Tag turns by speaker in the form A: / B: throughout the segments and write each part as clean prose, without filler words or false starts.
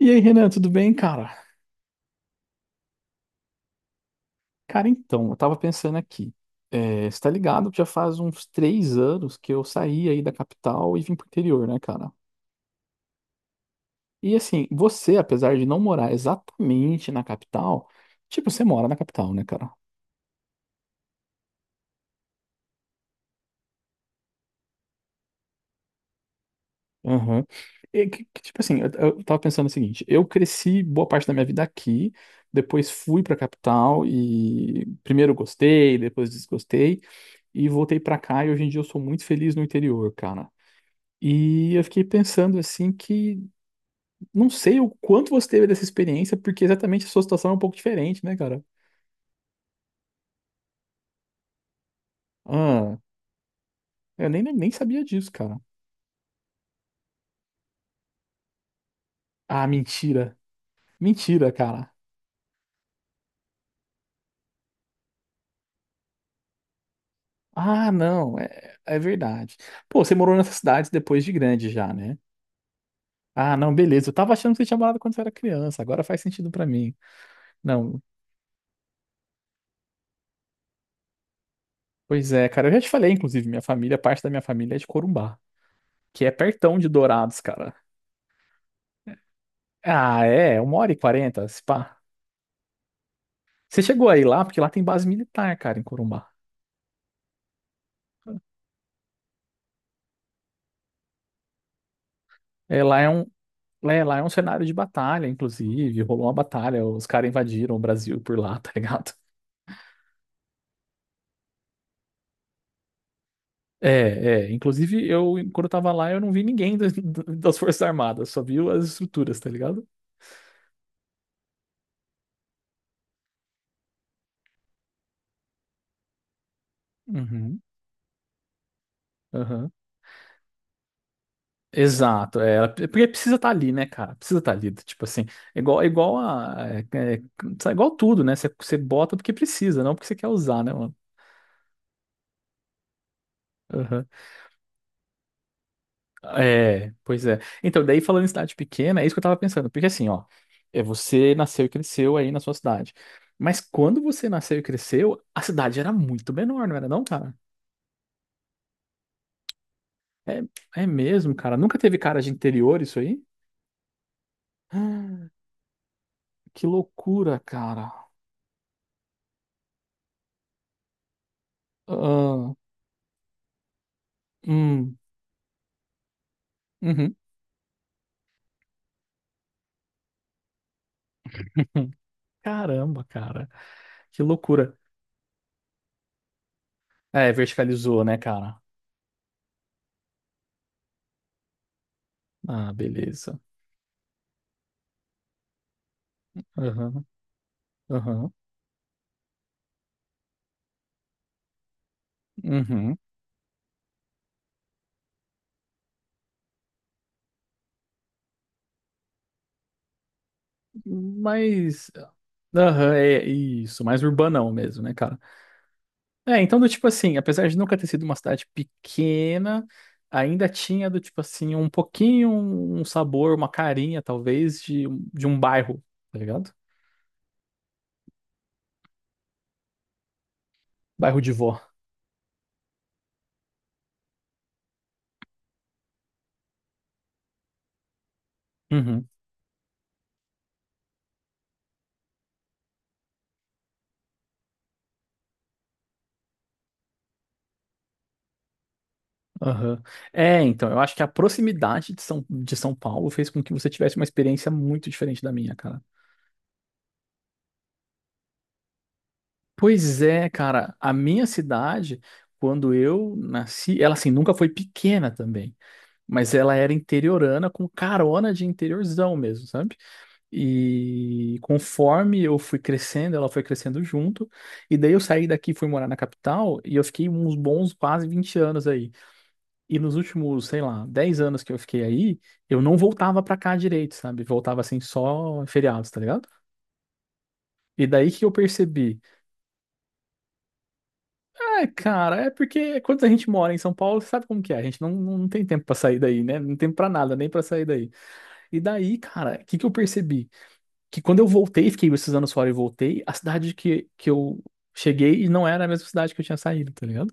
A: E aí, Renan, tudo bem, cara? Cara, então, eu tava pensando aqui. É, você tá ligado que já faz uns 3 anos que eu saí aí da capital e vim pro interior, né, cara? E assim, você, apesar de não morar exatamente na capital, tipo, você mora na capital, né, cara? Aham. E tipo assim, eu tava pensando o seguinte: eu cresci boa parte da minha vida aqui, depois fui pra capital e primeiro gostei, depois desgostei, e voltei pra cá e hoje em dia eu sou muito feliz no interior, cara. E eu fiquei pensando assim que não sei o quanto você teve dessa experiência, porque exatamente a sua situação é um pouco diferente, né, cara? Ah, eu nem sabia disso, cara. Ah, mentira. Mentira, cara. Ah, não, é verdade. Pô, você morou nessa cidade depois de grande já, né? Ah, não, beleza. Eu tava achando que você tinha morado quando você era criança, agora faz sentido pra mim. Não, pois é, cara. Eu já te falei, inclusive, minha família, parte da minha família é de Corumbá, que é pertão de Dourados, cara. Ah, é, 1h40. Você chegou aí lá, porque lá tem base militar, cara, em Corumbá. É, lá é um cenário de batalha, inclusive. Rolou uma batalha, os caras invadiram o Brasil por lá, tá ligado? É, é. Inclusive, eu, quando eu tava lá, eu não vi ninguém das, das Forças Armadas, só vi as estruturas, tá ligado? Uhum, aham. Exato, é, porque precisa estar ali, né, cara? Precisa estar ali, tipo assim, é igual a, é, é, é igual tudo, né? Você bota porque precisa, não porque você quer usar, né, mano? É, pois é. Então, daí falando em cidade pequena, é isso que eu tava pensando. Porque assim, ó, é você nasceu e cresceu aí na sua cidade. Mas quando você nasceu e cresceu, a cidade era muito menor, não era não, cara? É, é mesmo, cara. Nunca teve cara de interior isso aí? Ah, que loucura, cara. Ah, hum, uhum. Caramba, cara. Que loucura. É, verticalizou, né, cara? Ah, beleza. Aham, aham, uhum. Mas. Aham, é isso, mais urbanão mesmo, né, cara? É, então, do tipo assim, apesar de nunca ter sido uma cidade pequena, ainda tinha do tipo assim, um pouquinho, um sabor, uma carinha, talvez, de um bairro, tá ligado? Bairro de vó. Uhum, aham. É, então, eu acho que a proximidade de São Paulo fez com que você tivesse uma experiência muito diferente da minha, cara. Pois é, cara, a minha cidade, quando eu nasci, ela assim, nunca foi pequena também. Mas ela era interiorana com carona de interiorzão mesmo, sabe? E conforme eu fui crescendo, ela foi crescendo junto. E daí eu saí daqui, fui morar na capital e eu fiquei uns bons quase 20 anos aí. E nos últimos, sei lá, 10 anos que eu fiquei aí, eu não voltava pra cá direito, sabe? Voltava assim só em feriados, tá ligado? E daí que eu percebi. Ah, cara, é porque quando a gente mora em São Paulo, você sabe como que é? A gente não tem tempo pra sair daí, né? Não tem tempo pra nada, nem pra sair daí. E daí, cara, o que que eu percebi? Que quando eu voltei, fiquei esses anos fora e voltei, a cidade que eu cheguei não era a mesma cidade que eu tinha saído, tá ligado?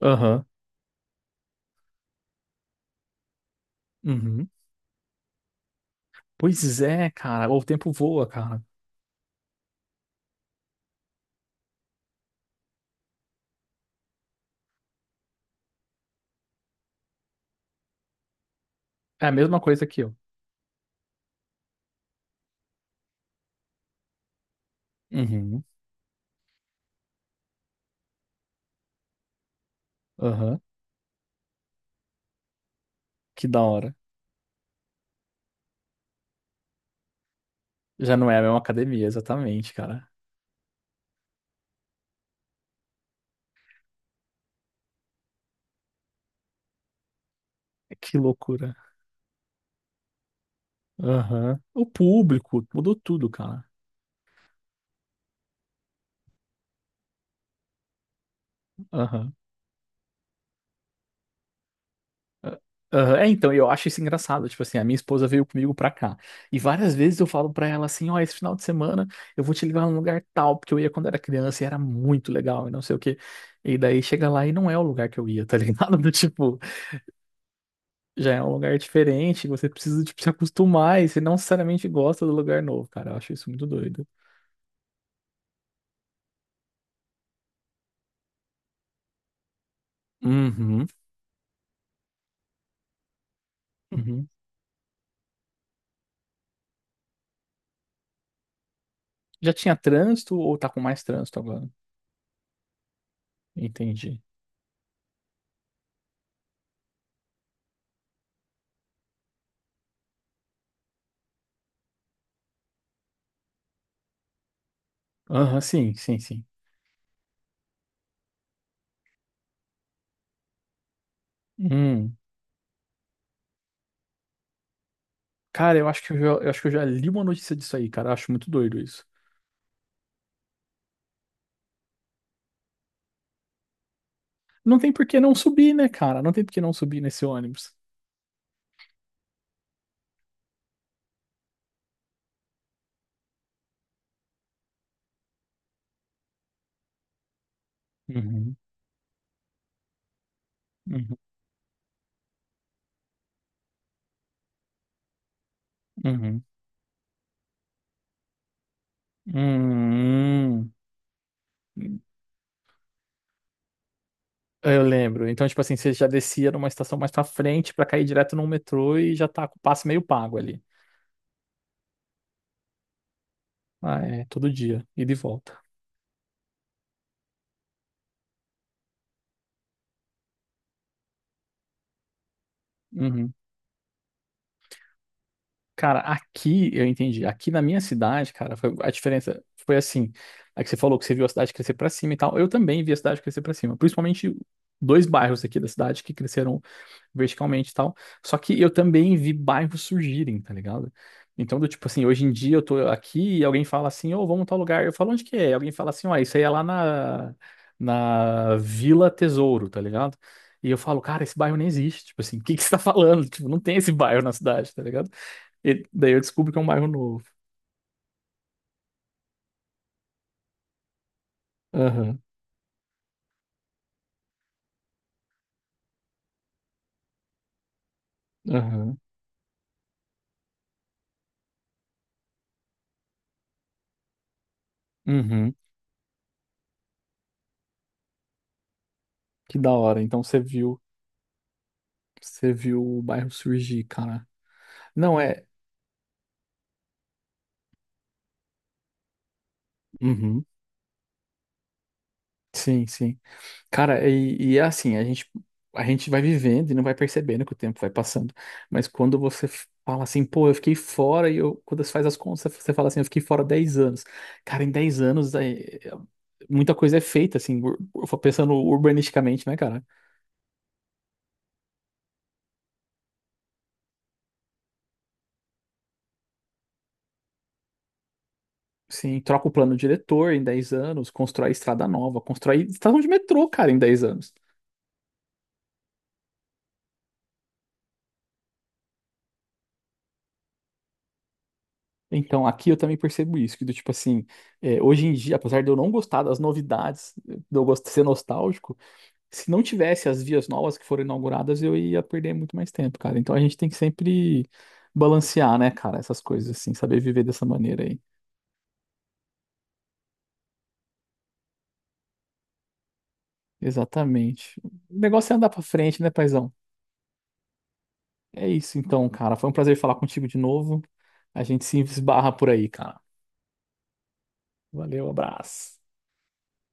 A: Aham. Uhum. Pois é, cara. O tempo voa, cara. É a mesma coisa que eu. Uhum. Aham. Que da hora. Já não é a mesma academia, exatamente, cara. Que loucura. Aham. O público, mudou tudo, cara. Aham. Aham, é, então, eu acho isso engraçado. Tipo assim, a minha esposa veio comigo pra cá. E várias vezes eu falo pra ela assim: ó, esse final de semana eu vou te levar num lugar tal, porque eu ia quando era criança e era muito legal e não sei o quê. E daí chega lá e não é o lugar que eu ia, tá ligado? Do tipo, já é um lugar diferente, você precisa, tipo, se acostumar e você não necessariamente gosta do lugar novo, cara. Eu acho isso muito doido. Uhum, uhum. Já tinha trânsito ou tá com mais trânsito agora? Entendi. Aham, sim, sim, sim. Hum. Cara, eu acho que eu já li uma notícia disso aí, cara. Eu acho muito doido isso. Não tem por que não subir, né, cara? Não tem por que não subir nesse ônibus. Uhum, uhum, uhum. Hum. Eu lembro. Então, tipo assim, você já descia numa estação mais pra frente pra cair direto num metrô e já tá com o passe meio pago ali. Ah, é, todo dia, ida e volta. Uhum. Cara, aqui eu entendi. Aqui na minha cidade, cara, a diferença foi assim. É que você falou que você viu a cidade crescer pra cima e tal. Eu também vi a cidade crescer pra cima, principalmente dois bairros aqui da cidade que cresceram verticalmente e tal. Só que eu também vi bairros surgirem, tá ligado? Então, do tipo assim, hoje em dia eu tô aqui e alguém fala assim, ô, vamos em tal lugar. Eu falo, onde que é? E alguém fala assim, ó, isso aí é lá na Vila Tesouro, tá ligado? E eu falo, cara, esse bairro nem existe. Tipo assim, o que que você tá falando? Tipo, não tem esse bairro na cidade, tá ligado? E daí eu descubro que é um bairro novo. Aham, aham, uhum. Que da hora. Então você viu o bairro surgir, cara. Não é. Uhum. Sim, sim. Cara, e é assim, a gente vai vivendo e não vai percebendo que o tempo vai passando. Mas quando você fala assim, pô, eu fiquei fora, e eu, quando você faz as contas, você fala assim, eu fiquei fora 10 anos. Cara, em 10 anos, é- muita coisa é feita, assim, pensando urbanisticamente, né, cara? Sim, troca o plano diretor em 10 anos, constrói estrada nova, constrói estação de metrô, cara, em 10 anos. Então, aqui eu também percebo isso, que do tipo assim, é, hoje em dia, apesar de eu não gostar das novidades, de eu gosto de ser nostálgico, se não tivesse as vias novas que foram inauguradas, eu ia perder muito mais tempo, cara. Então a gente tem que sempre balancear, né, cara, essas coisas assim, saber viver dessa maneira aí. Exatamente. O negócio é andar pra frente, né, paizão? É isso então, cara. Foi um prazer falar contigo de novo. A gente se esbarra por aí, cara. Valeu, abraço.